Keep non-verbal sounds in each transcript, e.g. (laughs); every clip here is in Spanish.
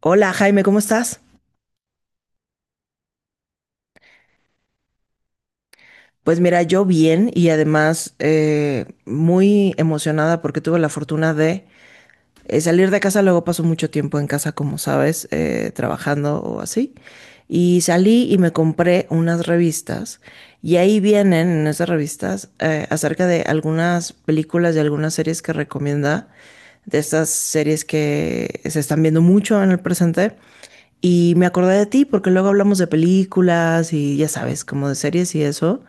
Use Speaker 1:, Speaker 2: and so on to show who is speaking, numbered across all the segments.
Speaker 1: Hola Jaime, ¿cómo estás? Pues mira, yo bien y además muy emocionada porque tuve la fortuna de salir de casa, luego paso mucho tiempo en casa, como sabes, trabajando o así. Y salí y me compré unas revistas. Y ahí vienen en esas revistas acerca de algunas películas y algunas series que recomienda, de estas series que se están viendo mucho en el presente. Y me acordé de ti porque luego hablamos de películas y ya sabes, como de series y eso.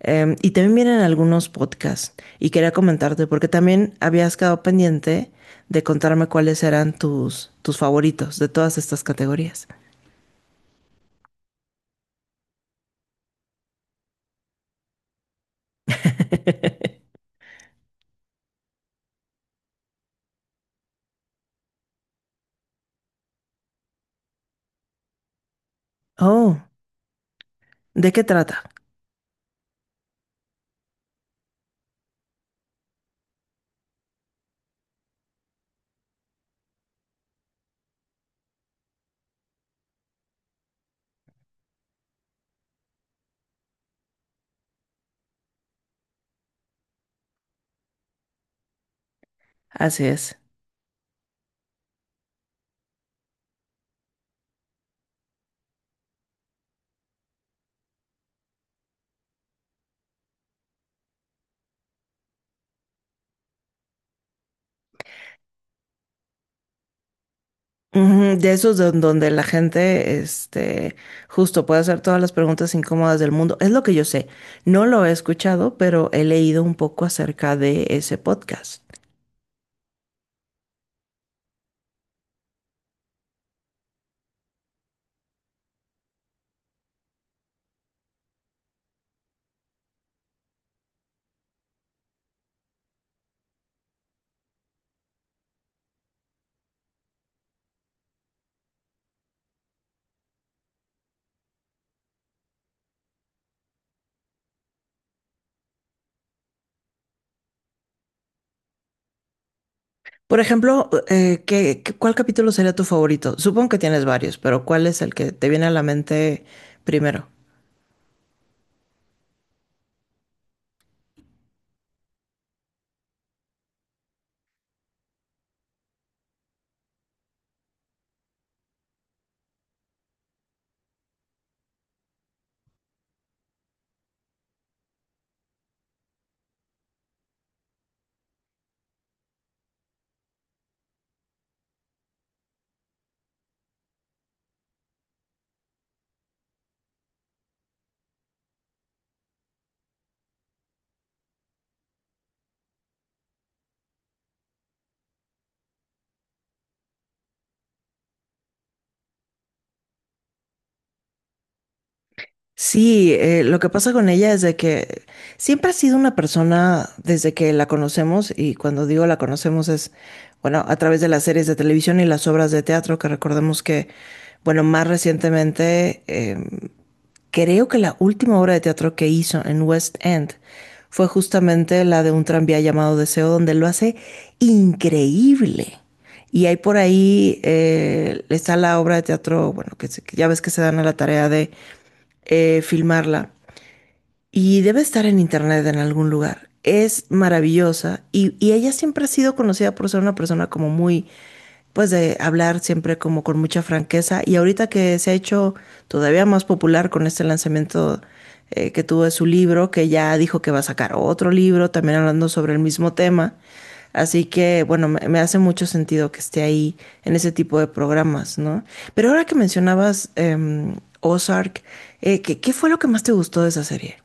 Speaker 1: Y también vienen algunos podcasts. Y quería comentarte porque también habías quedado pendiente de contarme cuáles eran tus favoritos de todas estas categorías. (laughs) Oh, ¿de qué trata? Así es. Ujú. De esos donde la gente, este, justo puede hacer todas las preguntas incómodas del mundo. Es lo que yo sé. No lo he escuchado, pero he leído un poco acerca de ese podcast. Por ejemplo, ¿cuál capítulo sería tu favorito? Supongo que tienes varios, pero ¿cuál es el que te viene a la mente primero? Sí, lo que pasa con ella es de que siempre ha sido una persona desde que la conocemos, y cuando digo la conocemos es, bueno, a través de las series de televisión y las obras de teatro, que recordemos que, bueno, más recientemente, creo que la última obra de teatro que hizo en West End fue justamente la de un tranvía llamado Deseo, donde lo hace increíble. Y hay por ahí, está la obra de teatro, bueno, que, que ya ves que se dan a la tarea de filmarla, y debe estar en internet en algún lugar. Es maravillosa, y ella siempre ha sido conocida por ser una persona como muy, pues, de hablar siempre como con mucha franqueza. Y ahorita que se ha hecho todavía más popular con este lanzamiento que tuvo de su libro, que ya dijo que va a sacar otro libro, también hablando sobre el mismo tema. Así que, bueno, me hace mucho sentido que esté ahí en ese tipo de programas, ¿no? Pero ahora que mencionabas Ozark, ¿qué, ¿qué fue lo que más te gustó de esa serie?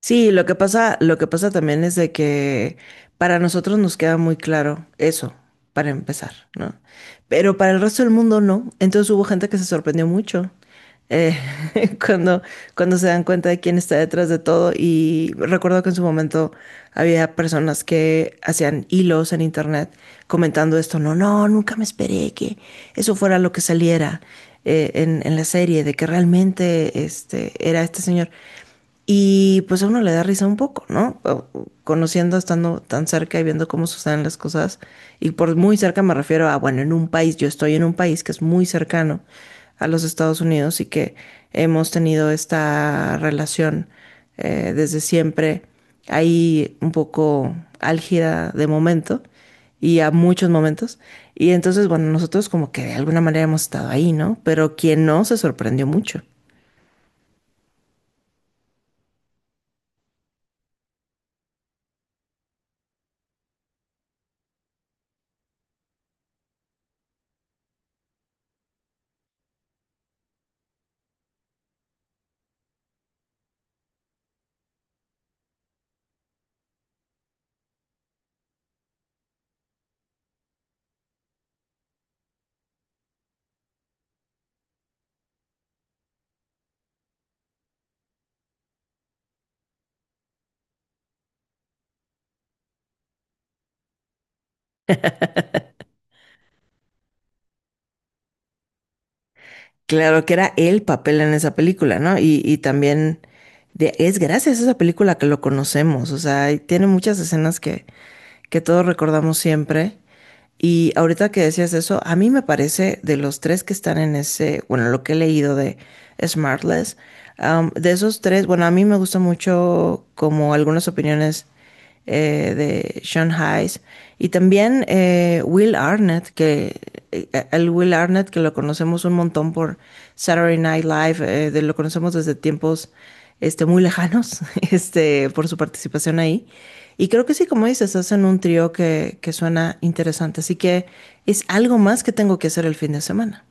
Speaker 1: Sí, lo que pasa también es de que para nosotros nos queda muy claro eso, para empezar, ¿no? Pero para el resto del mundo no. Entonces hubo gente que se sorprendió mucho, eh, (laughs) cuando, cuando se dan cuenta de quién está detrás de todo. Y recuerdo que en su momento había personas que hacían hilos en internet comentando esto. No, no, nunca me esperé que eso fuera lo que saliera en la serie, de que realmente este, era este señor. Y pues a uno le da risa un poco, ¿no? O Conociendo, estando tan cerca y viendo cómo suceden las cosas. Y por muy cerca me refiero a, bueno, en un país, yo estoy en un país que es muy cercano a los Estados Unidos y que hemos tenido esta relación desde siempre, ahí un poco álgida de momento y a muchos momentos. Y entonces, bueno, nosotros como que de alguna manera hemos estado ahí, ¿no? Pero quien no se sorprendió mucho. Claro que era el papel en esa película, ¿no? Y también es gracias a esa película que lo conocemos, o sea, y tiene muchas escenas que todos recordamos siempre. Y ahorita que decías eso, a mí me parece de los tres que están en ese, bueno, lo que he leído de Smartless, de esos tres, bueno, a mí me gusta mucho como algunas opiniones de Sean Hayes, y también Will Arnett, que el Will Arnett que lo conocemos un montón por Saturday Night Live, lo conocemos desde tiempos este, muy lejanos (laughs) este, por su participación ahí. Y creo que sí, como dices, hacen un trío que suena interesante. Así que es algo más que tengo que hacer el fin de semana.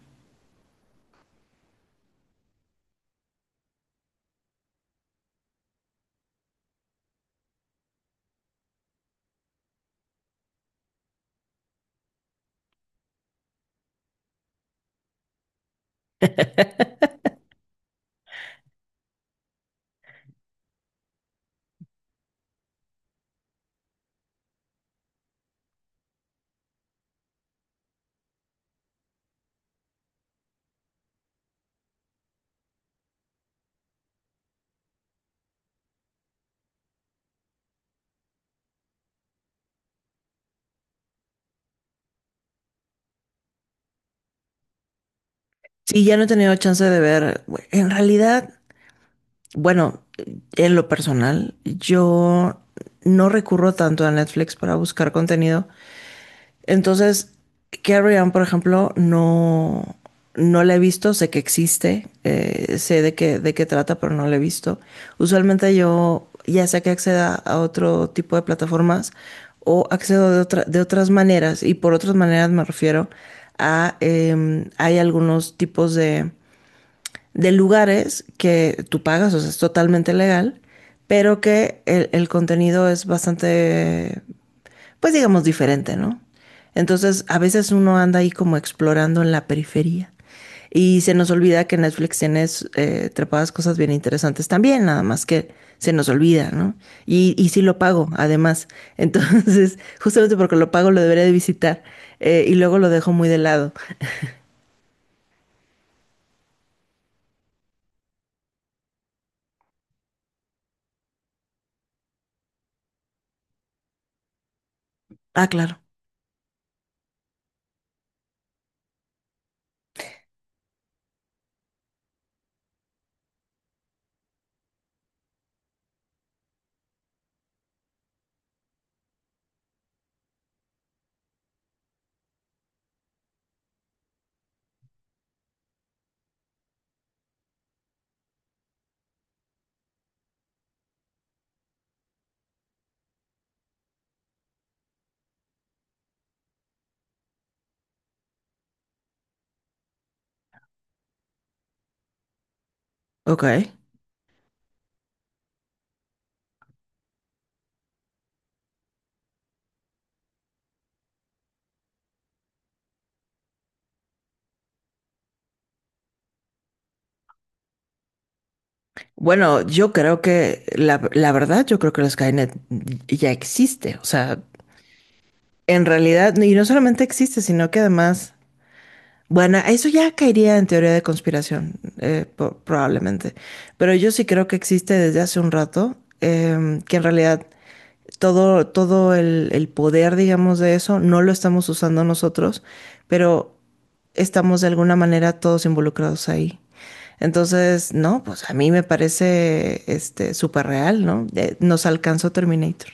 Speaker 1: Sí, ya no he tenido chance de ver. En realidad, bueno, en lo personal, yo no recurro tanto a Netflix para buscar contenido. Entonces, Carrie Ann, por ejemplo, no, no la he visto, sé que existe, de qué trata, pero no la he visto. Usualmente yo ya sea que acceda a otro tipo de plataformas, o accedo de otras maneras, y por otras maneras me refiero a, hay algunos tipos de lugares que tú pagas, o sea, es totalmente legal, pero que el contenido es bastante, pues, digamos, diferente, ¿no? Entonces, a veces uno anda ahí como explorando en la periferia y se nos olvida que Netflix tiene trepadas cosas bien interesantes también, nada más que se nos olvida, ¿no? Y y sí lo pago, además. Entonces, (laughs) justamente porque lo pago, lo debería de visitar, y luego lo dejo muy de lado. Ah, claro. Ok. Bueno, yo creo que la verdad, yo creo que el Skynet ya existe. O sea, en realidad, y no solamente existe, sino que además, bueno, eso ya caería en teoría de conspiración, probablemente. Pero yo sí creo que existe desde hace un rato, que en realidad todo el poder, digamos, de eso no lo estamos usando nosotros, pero estamos de alguna manera todos involucrados ahí. Entonces, no, pues a mí me parece este súper real, ¿no? Nos alcanzó Terminator.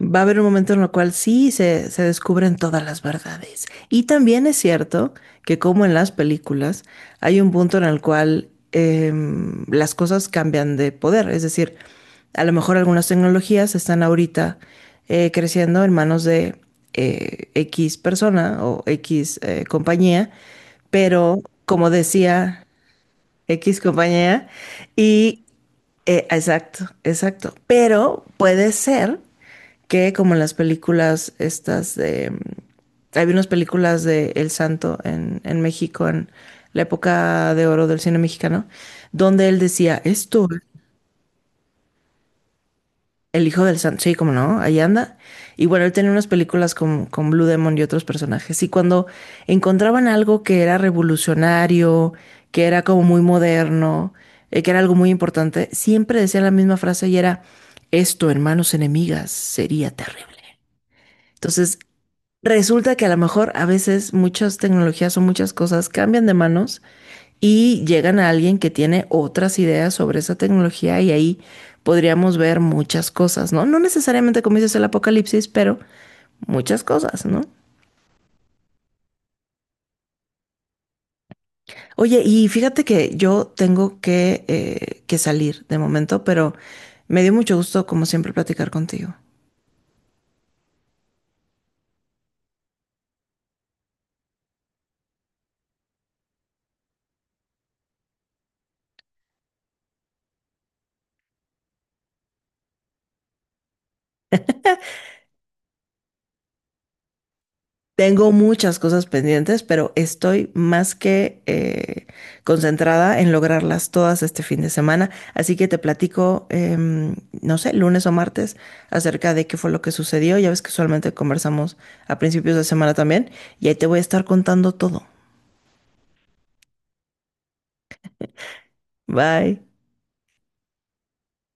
Speaker 1: Va a haber un momento en el cual sí se descubren todas las verdades. Y también es cierto que como en las películas, hay un punto en el cual las cosas cambian de poder. Es decir, a lo mejor algunas tecnologías están ahorita creciendo en manos de X persona o X compañía, pero como decía X compañía, y exacto, exacto, pero puede ser que como en las películas estas de... Había unas películas de El Santo en México, en la época de oro del cine mexicano, donde él decía, esto, el hijo del Santo, sí, como no, ahí anda. Y bueno, él tenía unas películas con Blue Demon y otros personajes. Y cuando encontraban algo que era revolucionario, que era como muy moderno, que era algo muy importante, siempre decía la misma frase y era, esto, hermanos enemigas, sería terrible. Entonces, resulta que a lo mejor a veces muchas tecnologías o muchas cosas cambian de manos y llegan a alguien que tiene otras ideas sobre esa tecnología, y ahí podríamos ver muchas cosas, ¿no? No necesariamente como dices el apocalipsis, pero muchas cosas, ¿no? Oye, y fíjate que yo tengo que salir de momento, pero me dio mucho gusto, como siempre, platicar contigo. Tengo muchas cosas pendientes, pero estoy más que concentrada en lograrlas todas este fin de semana. Así que te platico, no sé, lunes o martes, acerca de qué fue lo que sucedió. Ya ves que usualmente conversamos a principios de semana también, y ahí te voy a estar contando todo. Bye.